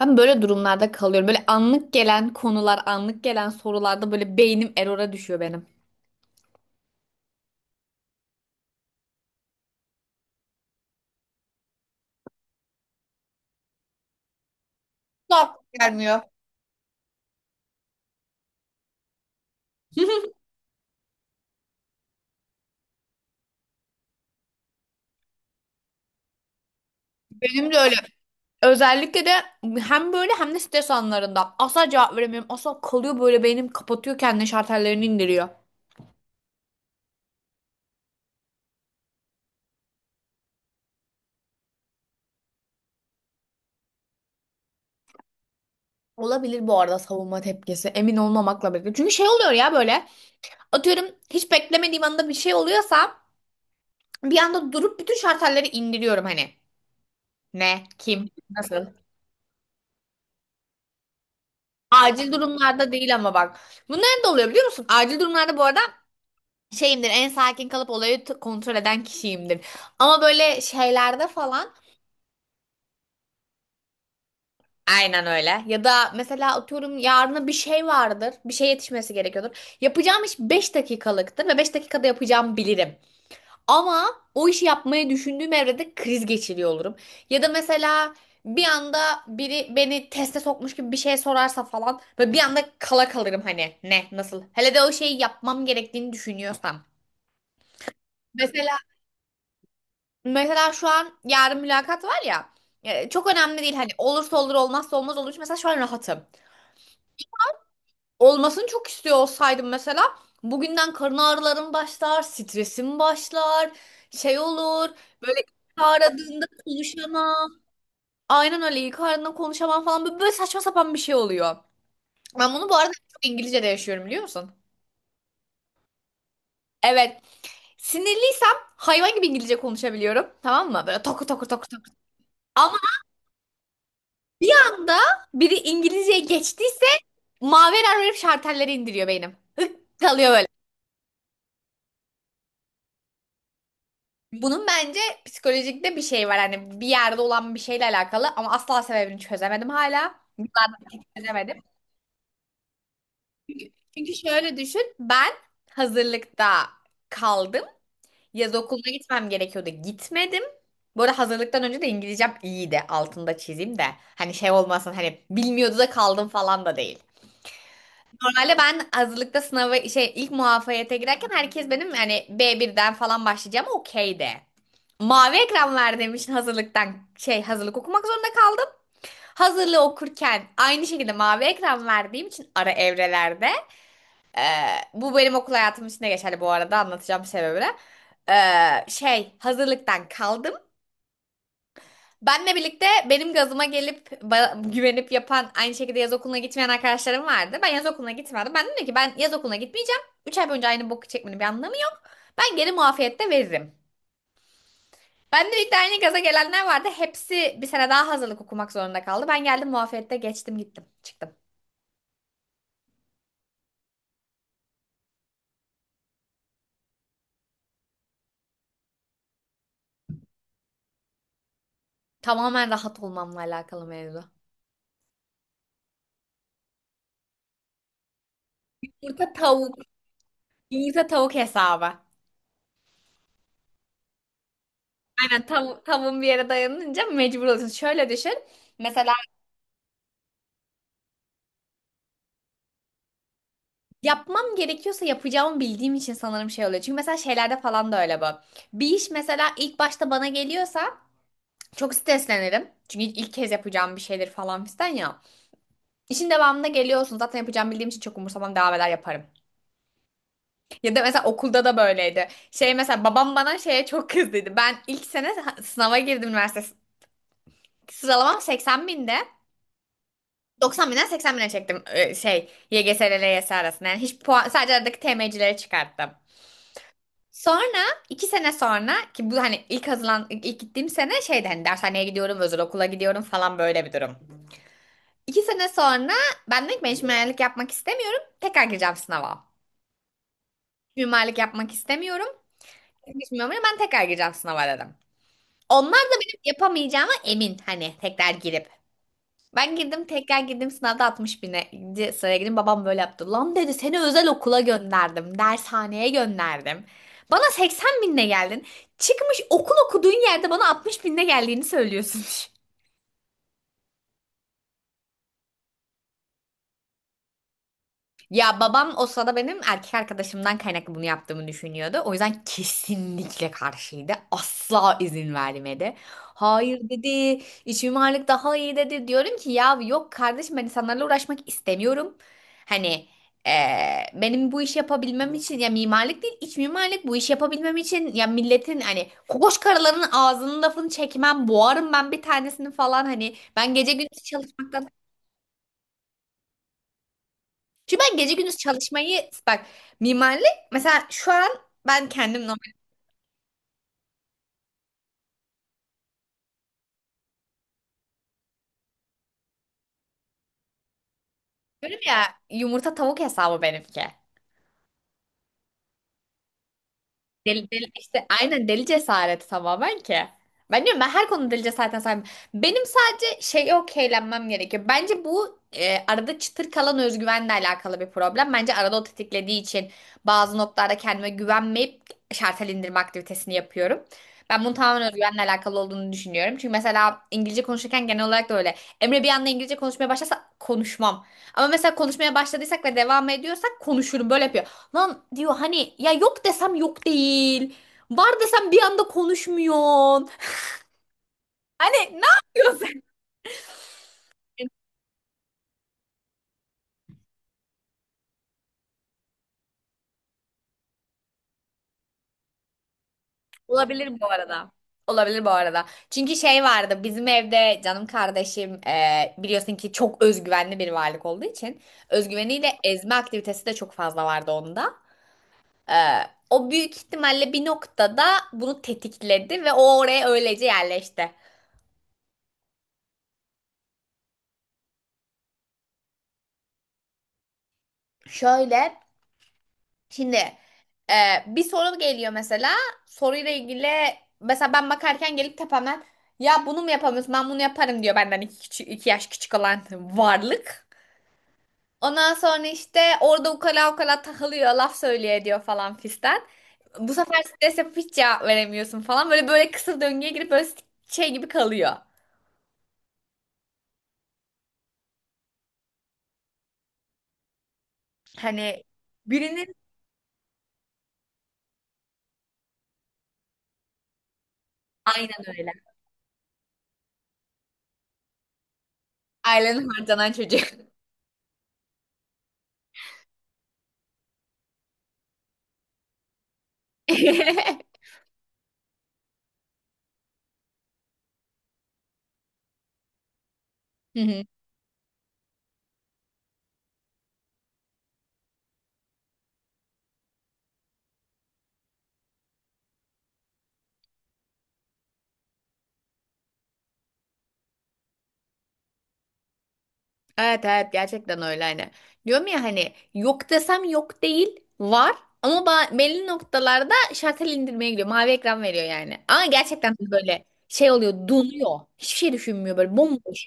Ben böyle durumlarda kalıyorum. Böyle anlık gelen konular, anlık gelen sorularda böyle beynim erora düşüyor benim. Gelmiyor. Benim de öyle. Özellikle de hem böyle hem de stres anlarında. Asla cevap veremiyorum. Asla kalıyor böyle beynim kapatıyor kendini şartellerini indiriyor. Olabilir bu arada savunma tepkisi. Emin olmamakla birlikte. Çünkü şey oluyor ya böyle. Atıyorum hiç beklemediğim anda bir şey oluyorsa bir anda durup bütün şartelleri indiriyorum hani. Ne? Kim? Nasıl? Acil durumlarda değil ama bak. Bunların da oluyor biliyor musun? Acil durumlarda bu arada şeyimdir en sakin kalıp olayı kontrol eden kişiyimdir. Ama böyle şeylerde falan aynen öyle. Ya da mesela atıyorum yarına bir şey vardır. Bir şey yetişmesi gerekiyordur. Yapacağım iş 5 dakikalıktır ve 5 dakikada yapacağımı bilirim. Ama o işi yapmayı düşündüğüm evrede kriz geçiriyor olurum. Ya da mesela bir anda biri beni teste sokmuş gibi bir şey sorarsa falan ve bir anda kala kalırım hani ne nasıl. Hele de o şeyi yapmam gerektiğini düşünüyorsam. Mesela Mesela şu an yarın mülakat var ya. Çok önemli değil hani olursa olur olmazsa olmaz olur. Mesela şu an rahatım. Olmasını çok istiyor olsaydım mesela bugünden karın ağrılarım başlar, stresim başlar, şey olur. Böyle ilk aradığında konuşamam. Aynen öyle ilk aradığında konuşamam falan böyle, böyle saçma sapan bir şey oluyor. Ben bunu bu arada çok İngilizce'de yaşıyorum biliyor musun? Evet. Sinirliysem hayvan gibi İngilizce konuşabiliyorum. Tamam mı? Böyle toku toku toku toku. Ama anda biri İngilizceye geçtiyse Maver verip şartelleri indiriyor benim. Kalıyor böyle. Bunun bence psikolojikte bir şey var. Hani bir yerde olan bir şeyle alakalı ama asla sebebini çözemedim hala. Çözemedim. Çünkü şöyle düşün. Ben hazırlıkta kaldım. Yaz okuluna gitmem gerekiyordu. Gitmedim. Bu arada hazırlıktan önce de İngilizcem iyiydi. Altında çizeyim de. Hani şey olmasın hani bilmiyordu da kaldım falan da değil. Normalde ben hazırlıkta sınavı şey ilk muafiyete girerken herkes benim yani birden falan başlayacağım okeydi. Mavi ekran ver demiş hazırlıktan şey hazırlık okumak zorunda kaldım. Hazırlığı okurken aynı şekilde mavi ekran verdiğim için ara evrelerde e, bu benim okul hayatım için de geçerli bu arada anlatacağım sebebini. Şey hazırlıktan kaldım. Benle birlikte benim gazıma gelip güvenip yapan aynı şekilde yaz okuluna gitmeyen arkadaşlarım vardı. Ben yaz okuluna gitmedim. Ben dedim ki ben yaz okuluna gitmeyeceğim. 3 ay boyunca aynı boku çekmenin bir anlamı yok. Ben geri muafiyette veririm. Ben de birlikte aynı gaza gelenler vardı. Hepsi bir sene daha hazırlık okumak zorunda kaldı. Ben geldim muafiyette geçtim gittim çıktım. Tamamen rahat olmamla alakalı mevzu. Yumurta tavuk. Yumurta tavuk hesabı. Aynen tavuğun bir yere dayanınca mecbur oluyorsun. Şöyle düşün. Mesela yapmam gerekiyorsa yapacağımı bildiğim için sanırım şey oluyor. Çünkü mesela şeylerde falan da öyle bu. Bir iş mesela ilk başta bana geliyorsa çok streslenirim. Çünkü ilk kez yapacağım bir şeydir falan fistan ya. İşin devamında geliyorsun. Zaten yapacağımı bildiğim için çok umursamam devam eder yaparım. Ya da mesela okulda da böyleydi. Şey mesela babam bana şeye çok kızdıydı. Ben ilk sene sınava girdim üniversite. Sıralamam 80 binde. 90 binden 80 bine çektim şey YGS ile LYS arasında. Yani hiç puan sadece aradaki TM'cileri çıkarttım. Sonra iki sene sonra ki bu hani ilk hazırlan ilk ilk gittiğim sene şeydi hani dershaneye gidiyorum, özel okula gidiyorum falan böyle bir durum. İki sene sonra ben dedim ki ben hiç mimarlık yapmak istemiyorum. Tekrar gireceğim sınava. Mimarlık yapmak istemiyorum. Hiç mimarlık ben tekrar gireceğim sınava dedim. Onlar da benim yapamayacağıma emin hani tekrar girip. Ben girdim tekrar girdim sınavda 60 bine sıraya girdim. Babam böyle yaptı. Lan dedi seni özel okula gönderdim. Dershaneye gönderdim. Bana 80 binle geldin. Çıkmış okul okuduğun yerde bana 60 binle geldiğini söylüyorsun. Ya babam o sırada benim erkek arkadaşımdan kaynaklı bunu yaptığımı düşünüyordu. O yüzden kesinlikle karşıydı. Asla izin vermedi. Hayır dedi, iç mimarlık daha iyi dedi. Diyorum ki ya yok kardeşim ben insanlarla uğraşmak istemiyorum. Hani benim bu işi yapabilmem için ya mimarlık değil iç mimarlık bu işi yapabilmem için ya milletin hani kokoş karıların ağzının lafını çekmem boğarım ben bir tanesini falan hani ben gece gündüz çalışmaktan çünkü ben gece gündüz çalışmayı bak mimarlık mesela şu an ben kendim normal yapıyorum ya yumurta tavuk hesabı benimki. Deli, deli, işte aynen deli cesareti tamamen ki. Ben diyorum ben her konuda deli cesaretine sahibim. Benim sadece şey okeylenmem gerekiyor. Bence bu arada çıtır kalan özgüvenle alakalı bir problem. Bence arada o tetiklediği için bazı noktalarda kendime güvenmeyip şartel indirme aktivitesini yapıyorum. Ben bunun tamamen özgüvenle alakalı olduğunu düşünüyorum. Çünkü mesela İngilizce konuşurken genel olarak da öyle. Emre bir anda İngilizce konuşmaya başlasa konuşmam. Ama mesela konuşmaya başladıysak ve devam ediyorsak konuşurum böyle yapıyor. Lan diyor hani ya yok desem yok değil. Var desem bir anda konuşmuyorsun. Hani ne yapıyorsun? Olabilir bu arada. Olabilir bu arada. Çünkü şey vardı bizim evde canım kardeşim biliyorsun ki çok özgüvenli bir varlık olduğu için özgüveniyle ezme aktivitesi de çok fazla vardı onda. E, o büyük ihtimalle bir noktada bunu tetikledi ve o oraya öylece yerleşti. Şöyle Şimdi e, bir soru geliyor mesela. Soruyla ilgili mesela ben bakarken gelip tepemden ya bunu mu yapamıyorsun ben bunu yaparım diyor benden iki yaş küçük olan varlık. Ondan sonra işte orada ukala ukala takılıyor laf söylüyor ediyor falan fistan. Bu sefer stres yapıp hiç cevap veremiyorsun falan. Böyle böyle kısır döngüye girip böyle şey gibi kalıyor. Hani birinin aynen öyle. Ailenin harcanan çocuğu. Hı hı. Evet evet gerçekten öyle hani. Diyorum ya hani yok desem yok değil var ama belli noktalarda şartel indirmeye gidiyor. Mavi ekran veriyor yani. Ama gerçekten hani böyle şey oluyor donuyor. Hiçbir şey düşünmüyor böyle bomboş.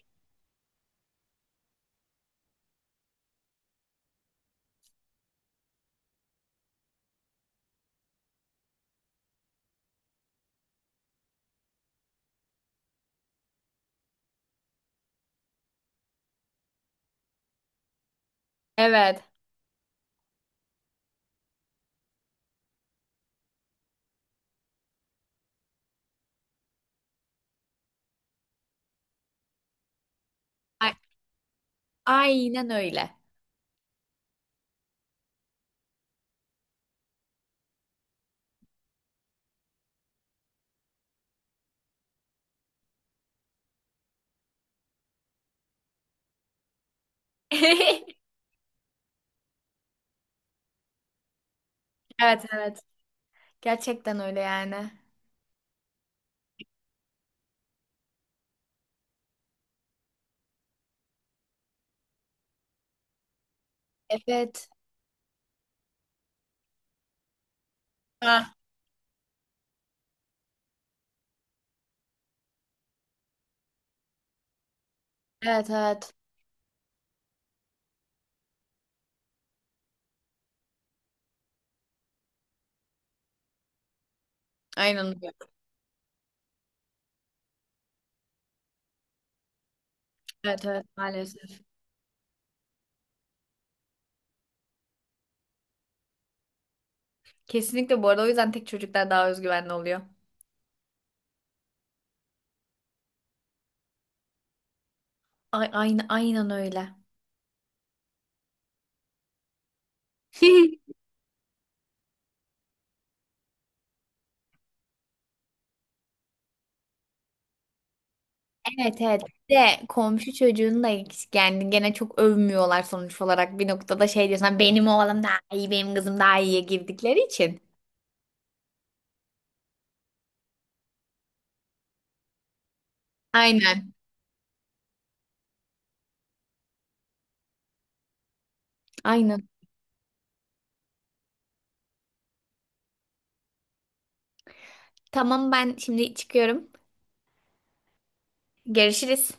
Evet. A- aynen öyle. Evet evet. Gerçekten öyle yani. Evet. Ha. Evet evet. Aynen öyle. Evet evet maalesef. Kesinlikle bu arada o yüzden tek çocuklar daha özgüvenli oluyor. Ay, aynen, aynen öyle. Evet evet. Bir de komşu çocuğunu da yani gene çok övmüyorlar sonuç olarak bir noktada şey diyorsun benim oğlum daha iyi benim kızım daha iyiye girdikleri için. Aynen. Aynen. Tamam ben şimdi çıkıyorum. Görüşürüz.